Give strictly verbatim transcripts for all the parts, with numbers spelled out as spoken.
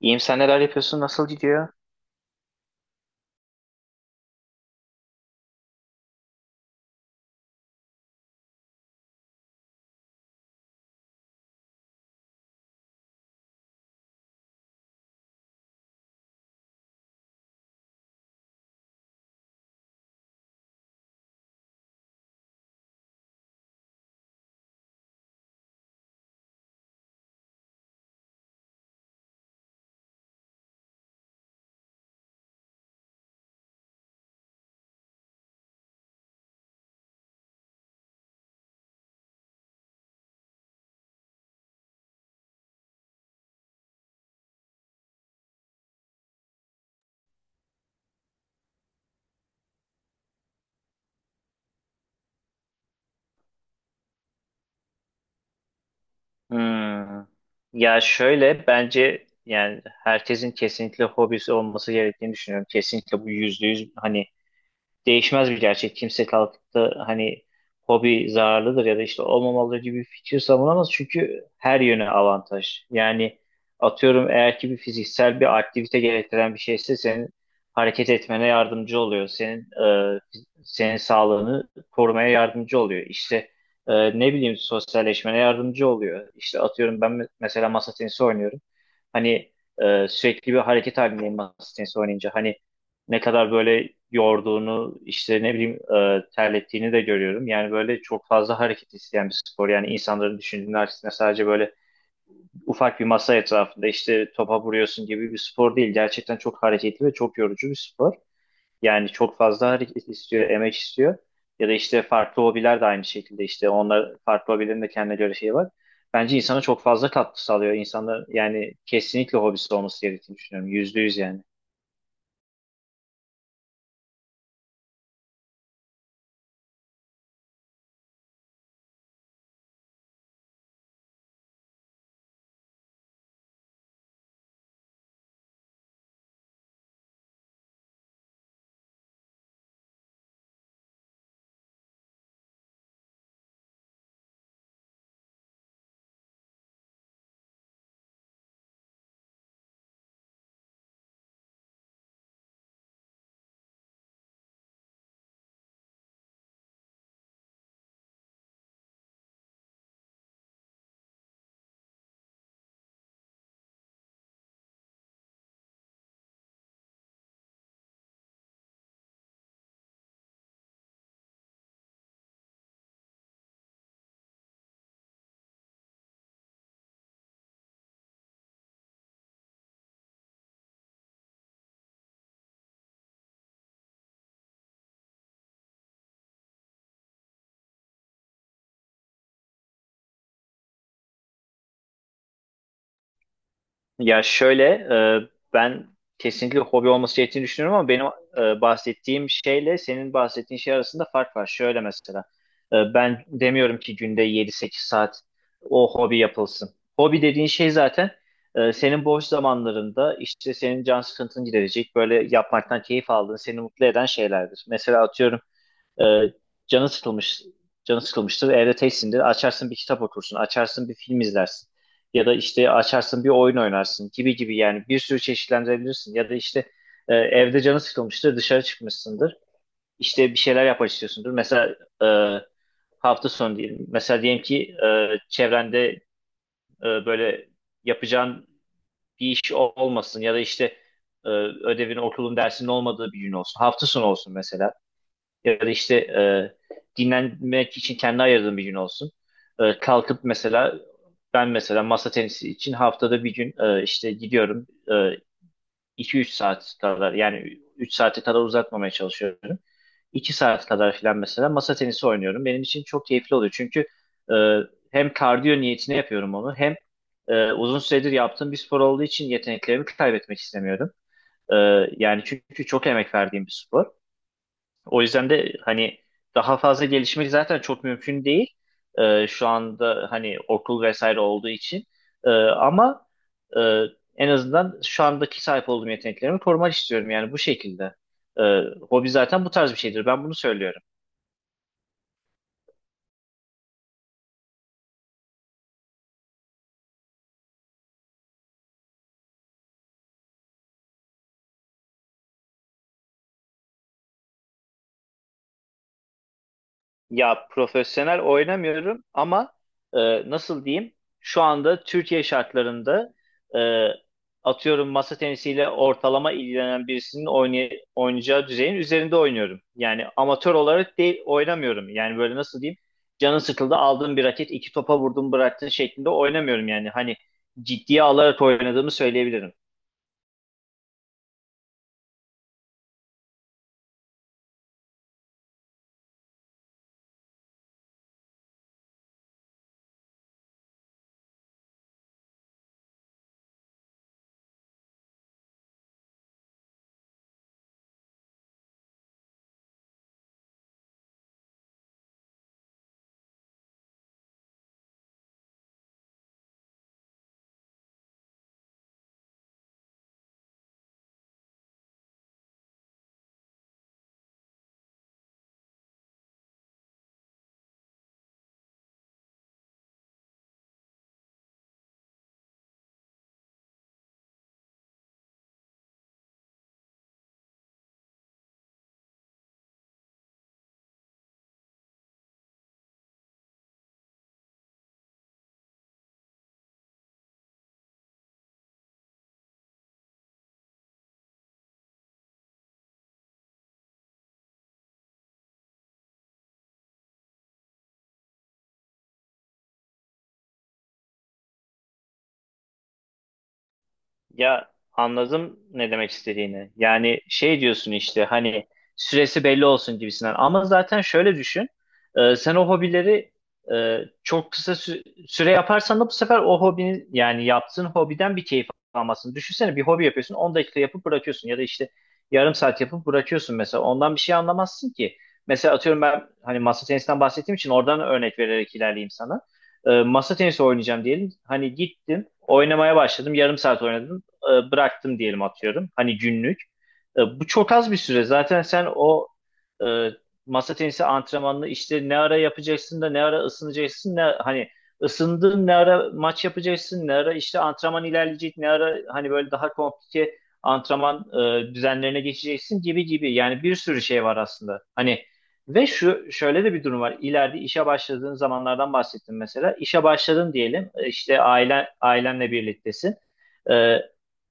İyiyim sen neler yapıyorsun? Nasıl gidiyor? Hmm. Ya şöyle bence yani herkesin kesinlikle hobisi olması gerektiğini düşünüyorum. Kesinlikle bu yüzde yüz, hani değişmez bir gerçek. Kimse kalkıp da hani hobi zararlıdır ya da işte olmamalı gibi bir fikir savunamaz. Çünkü her yöne avantaj. Yani atıyorum eğer ki bir fiziksel bir aktivite gerektiren bir şeyse senin hareket etmene yardımcı oluyor. Senin e, senin sağlığını korumaya yardımcı oluyor. İşte e, ne bileyim sosyalleşmene yardımcı oluyor. İşte atıyorum ben me- mesela masa tenisi oynuyorum. Hani e, sürekli bir hareket halindeyim masa tenisi oynayınca. Hani ne kadar böyle yorduğunu işte ne bileyim e, terlettiğini de görüyorum. Yani böyle çok fazla hareket isteyen bir spor. Yani insanların düşündüğünün aksine sadece böyle ufak bir masa etrafında işte topa vuruyorsun gibi bir spor değil. Gerçekten çok hareketli ve çok yorucu bir spor. Yani çok fazla hareket istiyor, emek istiyor. Ya da işte farklı hobiler de aynı şekilde işte onlar farklı hobilerin de kendine göre şeyi var. Bence insana çok fazla katkı sağlıyor. İnsanlar yani kesinlikle hobisi olması gerektiğini düşünüyorum. Yüzde yüz yani. Ya şöyle e, ben kesinlikle hobi olması gerektiğini düşünüyorum ama benim e, bahsettiğim şeyle senin bahsettiğin şey arasında fark var. Şöyle mesela e, ben demiyorum ki günde yedi sekiz saat o hobi yapılsın. Hobi dediğin şey zaten e, senin boş zamanlarında işte senin can sıkıntını giderecek böyle yapmaktan keyif aldığın seni mutlu eden şeylerdir. Mesela atıyorum ee, canı sıkılmış, canı sıkılmıştır. Evde teksindir. Açarsın bir kitap okursun. Açarsın bir film izlersin. Ya da işte açarsın bir oyun oynarsın gibi gibi yani bir sürü çeşitlendirebilirsin. Ya da işte e, evde canı sıkılmıştır. Dışarı çıkmışsındır. İşte bir şeyler yapmak istiyorsundur. Mesela e, hafta sonu diyelim. Mesela diyelim ki e, çevrende e, böyle yapacağın bir iş o- olmasın ya da işte e, ödevin, okulun, dersinin olmadığı bir gün olsun. Hafta sonu olsun mesela ya da işte e, dinlenmek için kendi ayırdığım bir gün olsun. E, kalkıp mesela ben mesela masa tenisi için haftada bir gün e, işte gidiyorum e, iki üç saat kadar yani üç saate kadar uzatmamaya çalışıyorum. iki saat kadar filan mesela masa tenisi oynuyorum. Benim için çok keyifli oluyor çünkü e, hem kardiyo niyetine yapıyorum onu hem e, uzun süredir yaptığım bir spor olduğu için yeteneklerimi kaybetmek istemiyorum. E, Yani çünkü çok emek verdiğim bir spor. O yüzden de hani daha fazla gelişmek zaten çok mümkün değil. Ee, şu anda hani okul vesaire olduğu için. Ee, ama e, en azından şu andaki sahip olduğum yeteneklerimi korumak istiyorum yani bu şekilde. Ee, Hobi zaten bu tarz bir şeydir. Ben bunu söylüyorum. Ya profesyonel oynamıyorum ama e, nasıl diyeyim? Şu anda Türkiye şartlarında e, atıyorum masa tenisiyle ortalama ilgilenen birisinin oynay- oynayacağı düzeyin üzerinde oynuyorum. Yani amatör olarak değil oynamıyorum. Yani böyle nasıl diyeyim? Canın sıkıldı aldın bir raket iki topa vurdun bıraktın şeklinde oynamıyorum yani. Hani ciddiye alarak oynadığımı söyleyebilirim. Ya anladım ne demek istediğini. Yani şey diyorsun işte hani süresi belli olsun gibisinden. Ama zaten şöyle düşün. E, sen o hobileri e, çok kısa sü- süre yaparsan da bu sefer o hobinin yani yaptığın hobiden bir keyif almasın. Düşünsene bir hobi yapıyorsun on dakika yapıp bırakıyorsun ya da işte yarım saat yapıp bırakıyorsun mesela. Ondan bir şey anlamazsın ki. Mesela atıyorum ben hani masa tenisinden bahsettiğim için oradan örnek vererek ilerleyeyim sana. E, masa tenisi oynayacağım diyelim. Hani gittim, oynamaya başladım. Yarım saat oynadım e, bıraktım diyelim atıyorum. Hani günlük. E, bu çok az bir süre. Zaten sen o e, masa tenisi antrenmanını işte ne ara yapacaksın da ne ara ısınacaksın ne hani ısındın ne ara maç yapacaksın ne ara işte antrenman ilerleyecek ne ara hani böyle daha komplike antrenman e, düzenlerine geçeceksin gibi gibi. Yani bir sürü şey var aslında. Hani ve şu şöyle de bir durum var. İleride işe başladığın zamanlardan bahsettim mesela. İşe başladın diyelim. E, İşte ailen ailenle birliktesin. Ee,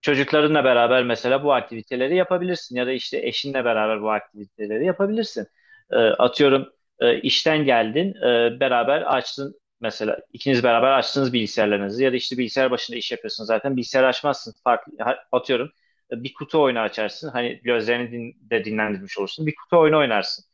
Çocuklarınla beraber mesela bu aktiviteleri yapabilirsin ya da işte eşinle beraber bu aktiviteleri yapabilirsin. Ee, atıyorum e, işten geldin, e, beraber açtın mesela ikiniz beraber açtınız bilgisayarlarınızı ya da işte bilgisayar başında iş yapıyorsun zaten bilgisayar açmazsın farklı ha- atıyorum e, bir kutu oyunu açarsın hani gözlerini din- de dinlendirmiş olursun bir kutu oyunu oynarsın.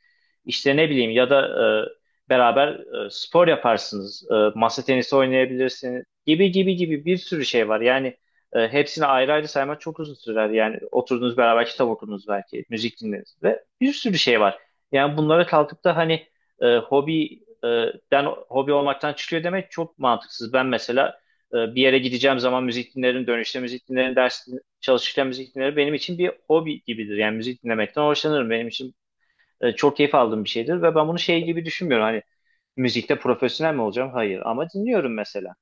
İşte ne bileyim ya da e, beraber e, spor yaparsınız, e, masa tenisi oynayabilirsiniz gibi gibi gibi bir sürü şey var yani. E, hepsini ayrı ayrı saymak çok uzun sürer. Yani oturdunuz beraber kitap okudunuz belki, müzik dinlediniz ve bir sürü şey var. Yani bunlara kalkıp da hani e, hobi e, den hobi olmaktan çıkıyor demek çok mantıksız. Ben mesela e, bir yere gideceğim zaman müzik dinlerim, dönüşte müzik dinlerim, ders din- çalışırken müzik dinlerim. Benim için bir hobi gibidir. Yani müzik dinlemekten hoşlanırım. Benim için e, çok keyif aldığım bir şeydir ve ben bunu şey gibi düşünmüyorum. Hani müzikte profesyonel mi olacağım? Hayır. Ama dinliyorum mesela.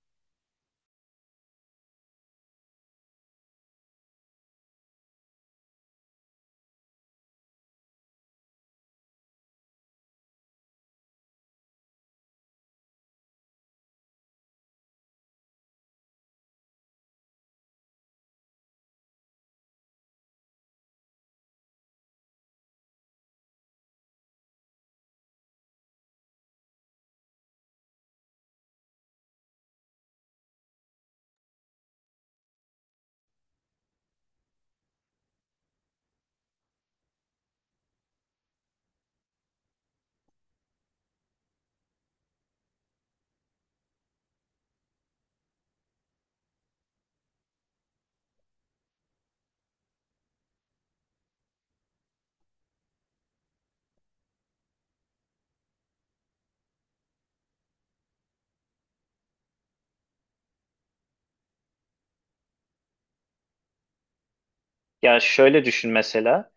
Ya şöyle düşün mesela.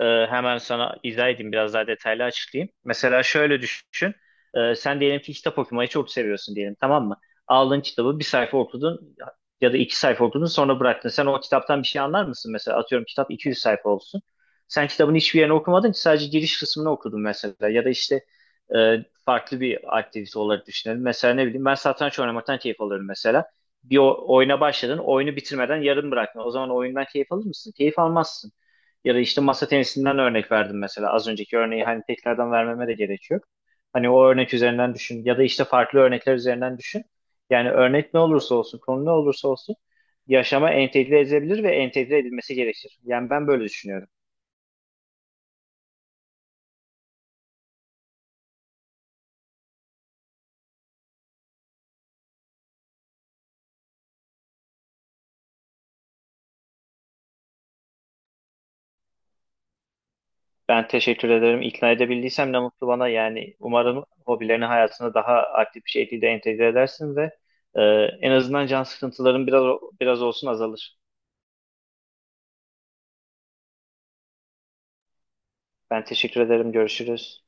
Ee, hemen sana izah edeyim biraz daha detaylı açıklayayım. Mesela şöyle düşün. Ee, sen diyelim ki kitap okumayı çok seviyorsun diyelim, tamam mı? Aldın kitabı bir sayfa okudun ya da iki sayfa okudun sonra bıraktın. Sen o kitaptan bir şey anlar mısın mesela? Atıyorum kitap iki yüz sayfa olsun. Sen kitabın hiçbir yerini okumadın ki sadece giriş kısmını okudun mesela. Ya da işte e, farklı bir aktivite olarak düşünelim. Mesela ne bileyim ben satranç oynamaktan keyif alıyorum mesela bir o- oyuna başladın, oyunu bitirmeden yarım bırakma. O zaman oyundan keyif alır mısın? Keyif almazsın. Ya da işte masa tenisinden örnek verdim mesela. Az önceki örneği hani tekrardan vermeme de gerek yok. Hani o örnek üzerinden düşün ya da işte farklı örnekler üzerinden düşün. Yani örnek ne olursa olsun, konu ne olursa olsun yaşama entegre edilebilir ve entegre edilmesi gerekir. Yani ben böyle düşünüyorum. Ben teşekkür ederim. İkna edebildiysem ne mutlu bana. Yani umarım hobilerini hayatına daha aktif bir şekilde entegre edersin ve e, en azından can sıkıntıların biraz biraz olsun azalır. Ben teşekkür ederim. Görüşürüz.